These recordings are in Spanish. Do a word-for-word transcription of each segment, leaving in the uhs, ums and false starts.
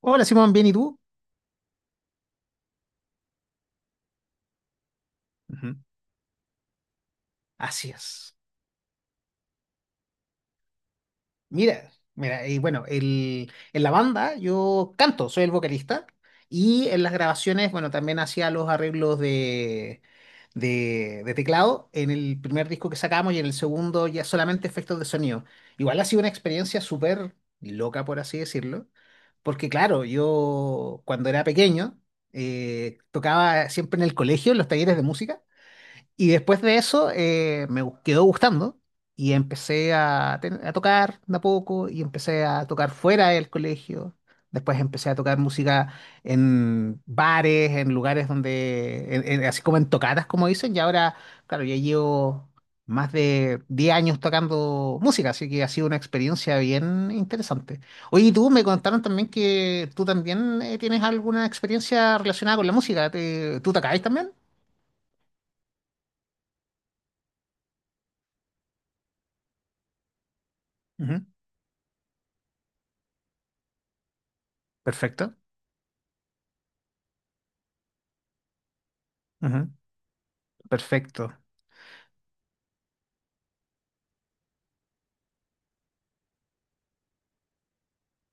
Hola Simón, ¿bien y tú? Ujú. Así es. Mira, mira, y bueno, el- en la banda yo canto, soy el vocalista y en las grabaciones, bueno, también hacía los arreglos de, de, de teclado en el primer disco que sacamos y en el segundo ya solamente efectos de sonido. Igual ha sido una experiencia súper loca, por así decirlo, porque claro, yo cuando era pequeño eh, tocaba siempre en el colegio, en los talleres de música. Y después de eso eh, me gu- quedó gustando y empecé a, ten- a tocar de a poco y empecé a tocar fuera del colegio. Después empecé a tocar música en bares, en lugares donde, en- en- así como en tocadas, como dicen. Y ahora, claro, ya llevo más de diez años tocando música, así que ha sido una experiencia bien interesante. Oye, y tú me contaron también que tú también eh, tienes alguna experiencia relacionada con la música. ¿Te- ¿Tú tocáis también? Ujú. Perfecto. Ujú. Perfecto.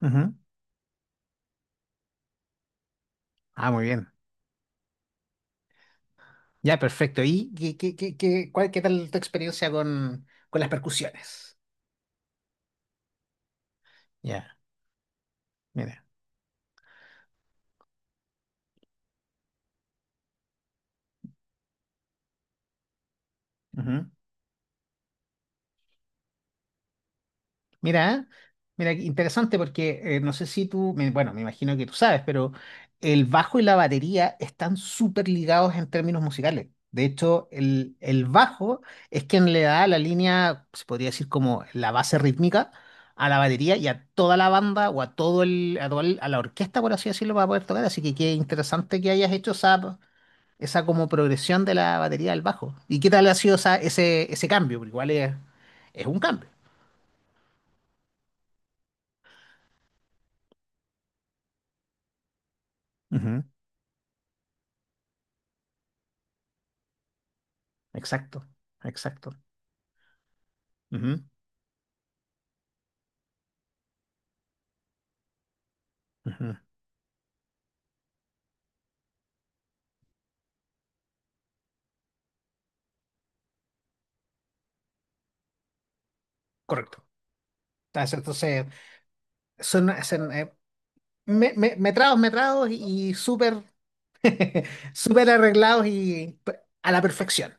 Ujú. Ah, muy bien. Ya, perfecto. ¿Y qué, qué, qué, qué, cuál, qué tal tu experiencia con, con las percusiones? Ya, mira. Ujú. Mira, mira, qué interesante porque eh, no sé si tú, me- bueno, me imagino que tú sabes, pero el bajo y la batería están súper ligados en términos musicales. De hecho, el, el bajo es quien le da la línea, se podría decir como la base rítmica a la batería y a toda la banda o a todo el, a, todo el- a la orquesta, por así decirlo, para poder tocar. Así que qué interesante que hayas hecho esa, esa como progresión de la batería al bajo. ¿Y qué tal ha sido esa- ese, ese cambio? Porque igual es, es un cambio. Exacto, exacto. Ujú, ujú. Correcto. Entonces, entonces, son, son, eh, me- me- metrados, metrados y súper súper arreglados y pe- a la perfección.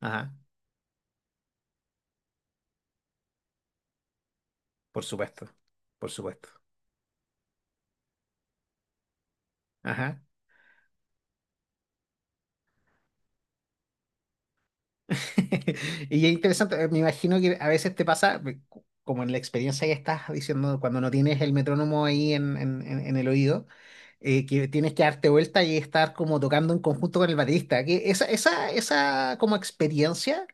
Ajá, por supuesto, por supuesto. Ajá. Y es interesante, eh, me imagino que a veces te pasa, eh, cu- como en la experiencia que estás diciendo, cuando no tienes el metrónomo ahí en, en- en- en el oído, eh, que tienes que darte vuelta y estar como tocando en conjunto con el baterista. Que esa, esa, esa como experiencia,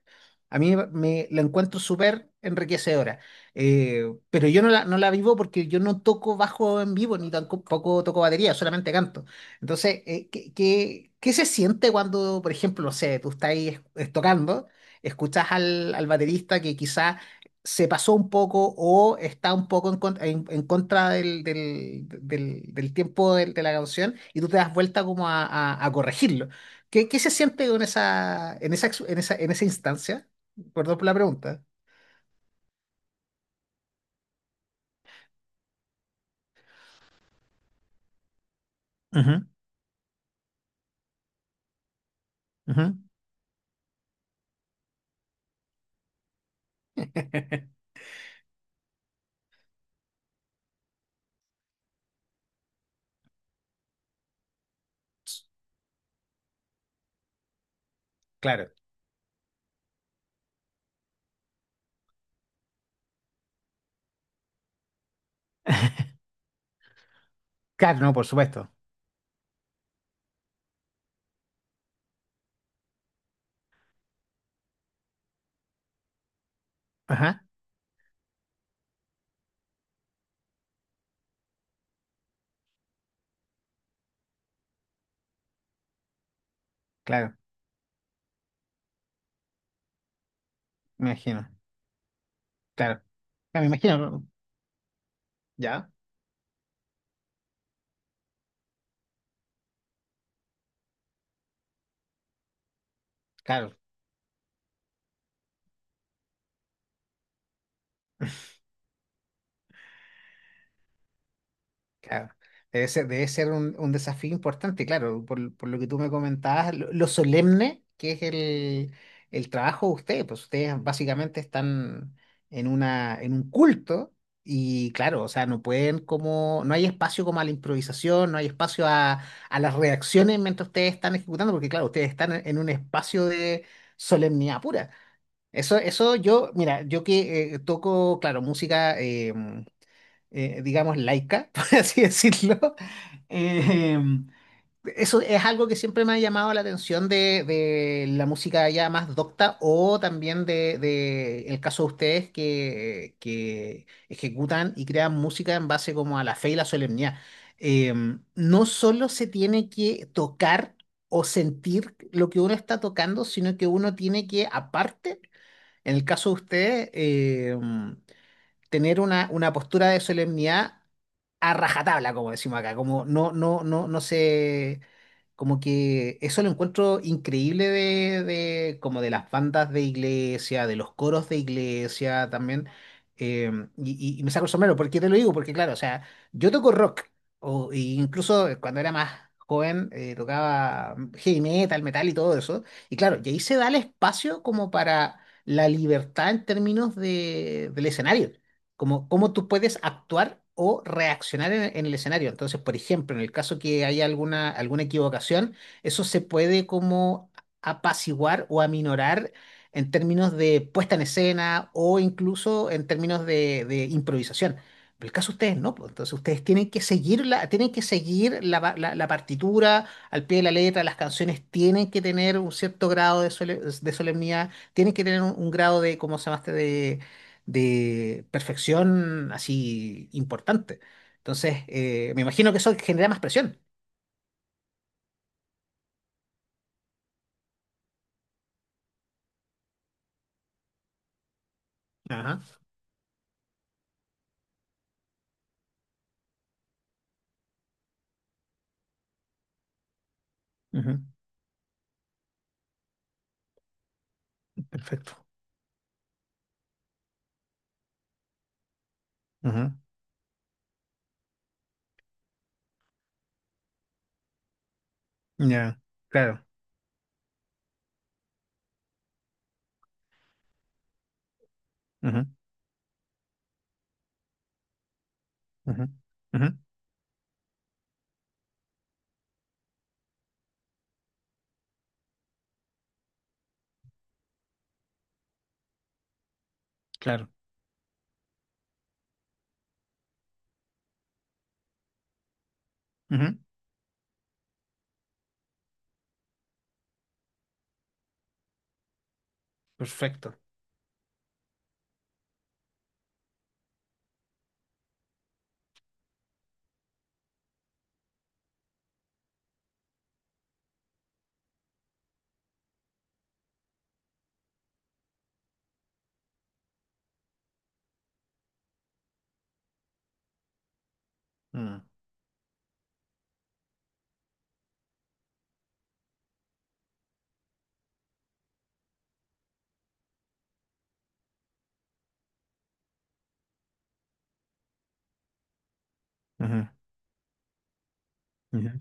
a mí me, me la encuentro súper enriquecedora. Eh, pero yo no la, no la vivo porque yo no toco bajo en vivo, ni tampoco toco batería, solamente canto. Entonces, eh, ¿qué, qué- qué se siente cuando, por ejemplo, no sé, tú estás ahí, eh, tocando? Escuchas al, al baterista que quizá se pasó un poco o está un poco en, con- en- en contra del, del- del- del tiempo del- de, la canción y tú te das vuelta como a, a- a corregirlo. ¿Qué, qué se siente en esa, en esa, ex- en esa, en esa instancia? Perdón por la pregunta. Ujú, ujú. Claro. Claro, no, por supuesto. Ajá, claro, me imagino. Claro, ya, me imagino, ¿no? Ya, claro. Claro. Debe ser, debe ser un, un desafío importante, claro, por, por lo que tú me comentabas, lo, lo solemne que es el, el trabajo de ustedes, pues ustedes básicamente están en una, en un culto y claro, o sea, no pueden como, no hay espacio como a la improvisación, no hay espacio a, a las reacciones mientras ustedes están ejecutando, porque claro, ustedes están en en un espacio de solemnidad pura. Eso, eso yo, mira, yo que eh, toco, claro, música em, eh, digamos, laica, por así decirlo. Eh, eso es algo que siempre me ha llamado la atención de, de la música ya más docta o también de, de el caso de ustedes que, que ejecutan y crean música en base como a la fe y la solemnidad. Eh, no solo se tiene que tocar o sentir lo que uno está tocando, sino que uno tiene que, aparte, en el caso de ustedes, eh, tener una, una postura de solemnidad a rajatabla, como decimos acá, como no, no, no, no sé, como que eso lo encuentro increíble de, de- como de las bandas de iglesia, de los coros de iglesia también, eh, y, y- y me saco el sombrero, ¿por qué te lo digo? Porque claro, o sea, yo toco rock, o e incluso eh, cuando era más joven eh, tocaba heavy metal, metal y todo eso, y claro, y ahí se da el espacio como para la libertad en términos de, del escenario como cómo tú puedes actuar o reaccionar en, en el escenario. Entonces, por ejemplo, en el caso que haya alguna, alguna equivocación, eso se puede como apaciguar o aminorar en términos de puesta en escena o incluso en términos de, de improvisación. Pero el caso de ustedes no, pues, entonces ustedes tienen que seguir la, tienen que seguir la, pa- la- la partitura al pie de la letra, las canciones tienen que tener un cierto grado de, sole- de solemnidad, tienen que tener un, un grado de, ¿cómo se llamaste? De, de perfección así importante. Entonces, eh, me imagino que eso genera más presión. Ajá, ujú, perfecto. Ujú, ya, claro. Ujú, ujú, ujú, claro. Ujú, perfecto. Mm, ujú, ujú.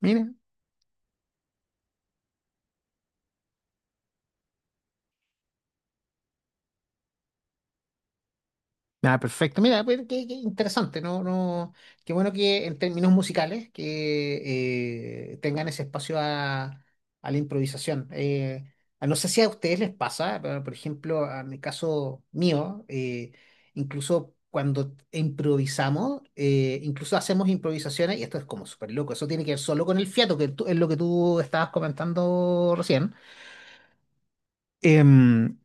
Mira, ah, perfecto. Mira, pues, qué, qué interesante, ¿no? No, qué bueno que en términos musicales que eh, tengan ese espacio a, a la improvisación. Eh, a- no sé si a ustedes les pasa, pero por ejemplo, a mi caso mío, eh, incluso cuando improvisamos, eh, incluso hacemos improvisaciones, y esto es como súper loco, eso tiene que ver solo con el fiato, que tú- es lo que tú estabas comentando recién. Em,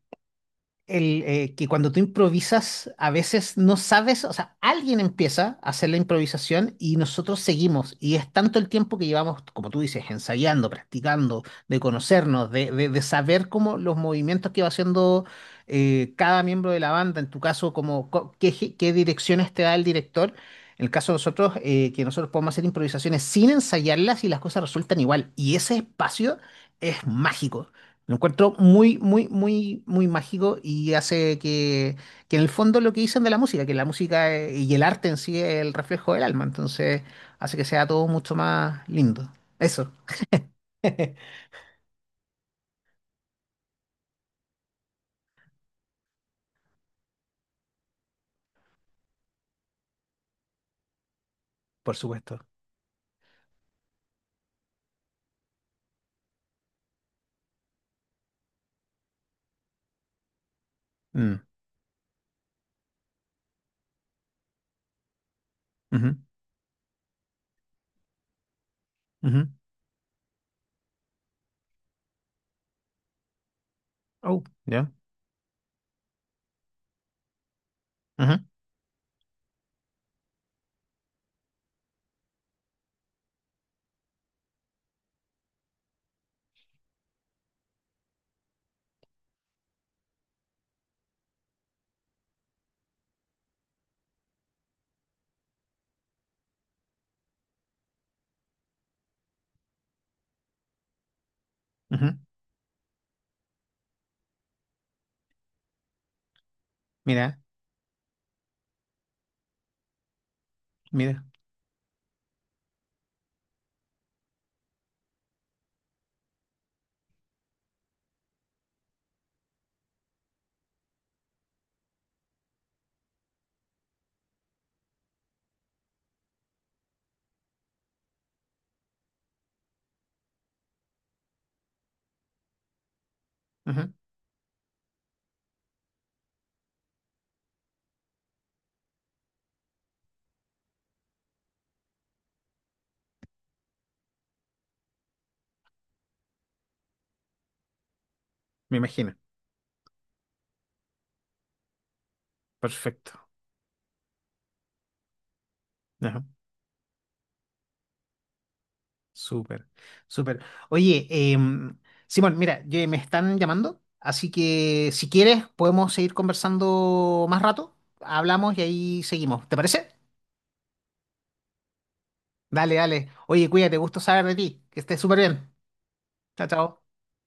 el, eh, que cuando tú improvisas, a veces no sabes, o sea, alguien empieza a hacer la improvisación y nosotros seguimos. Y es tanto el tiempo que llevamos, como tú dices, ensayando, practicando, de conocernos, de, de- de saber cómo los movimientos que va haciendo eh, cada miembro de la banda, en tu caso, como, co- qué, ge- qué direcciones te da el director. En el caso de nosotros, eh, que nosotros podemos hacer improvisaciones sin ensayarlas y las cosas resultan igual. Y ese espacio es mágico. Lo encuentro muy, muy, muy, muy mágico y hace que, que en el fondo lo que dicen de la música, que la música eh, y el arte en sí es el reflejo del alma, entonces hace que sea todo mucho más lindo. Eso. Por supuesto. Mm, ujú, ujú. Oh, ya. Ujú, ujú. Mira, mira. Ujú. Me imagino. Perfecto. Ajá. Súper, súper. Oye, em, Simón, mira, yo- me están llamando, así que si quieres podemos seguir conversando más rato. Hablamos y ahí seguimos. ¿Te parece? Dale, dale. Oye, cuídate, gusto saber de ti. Que estés súper bien. Chao, chao.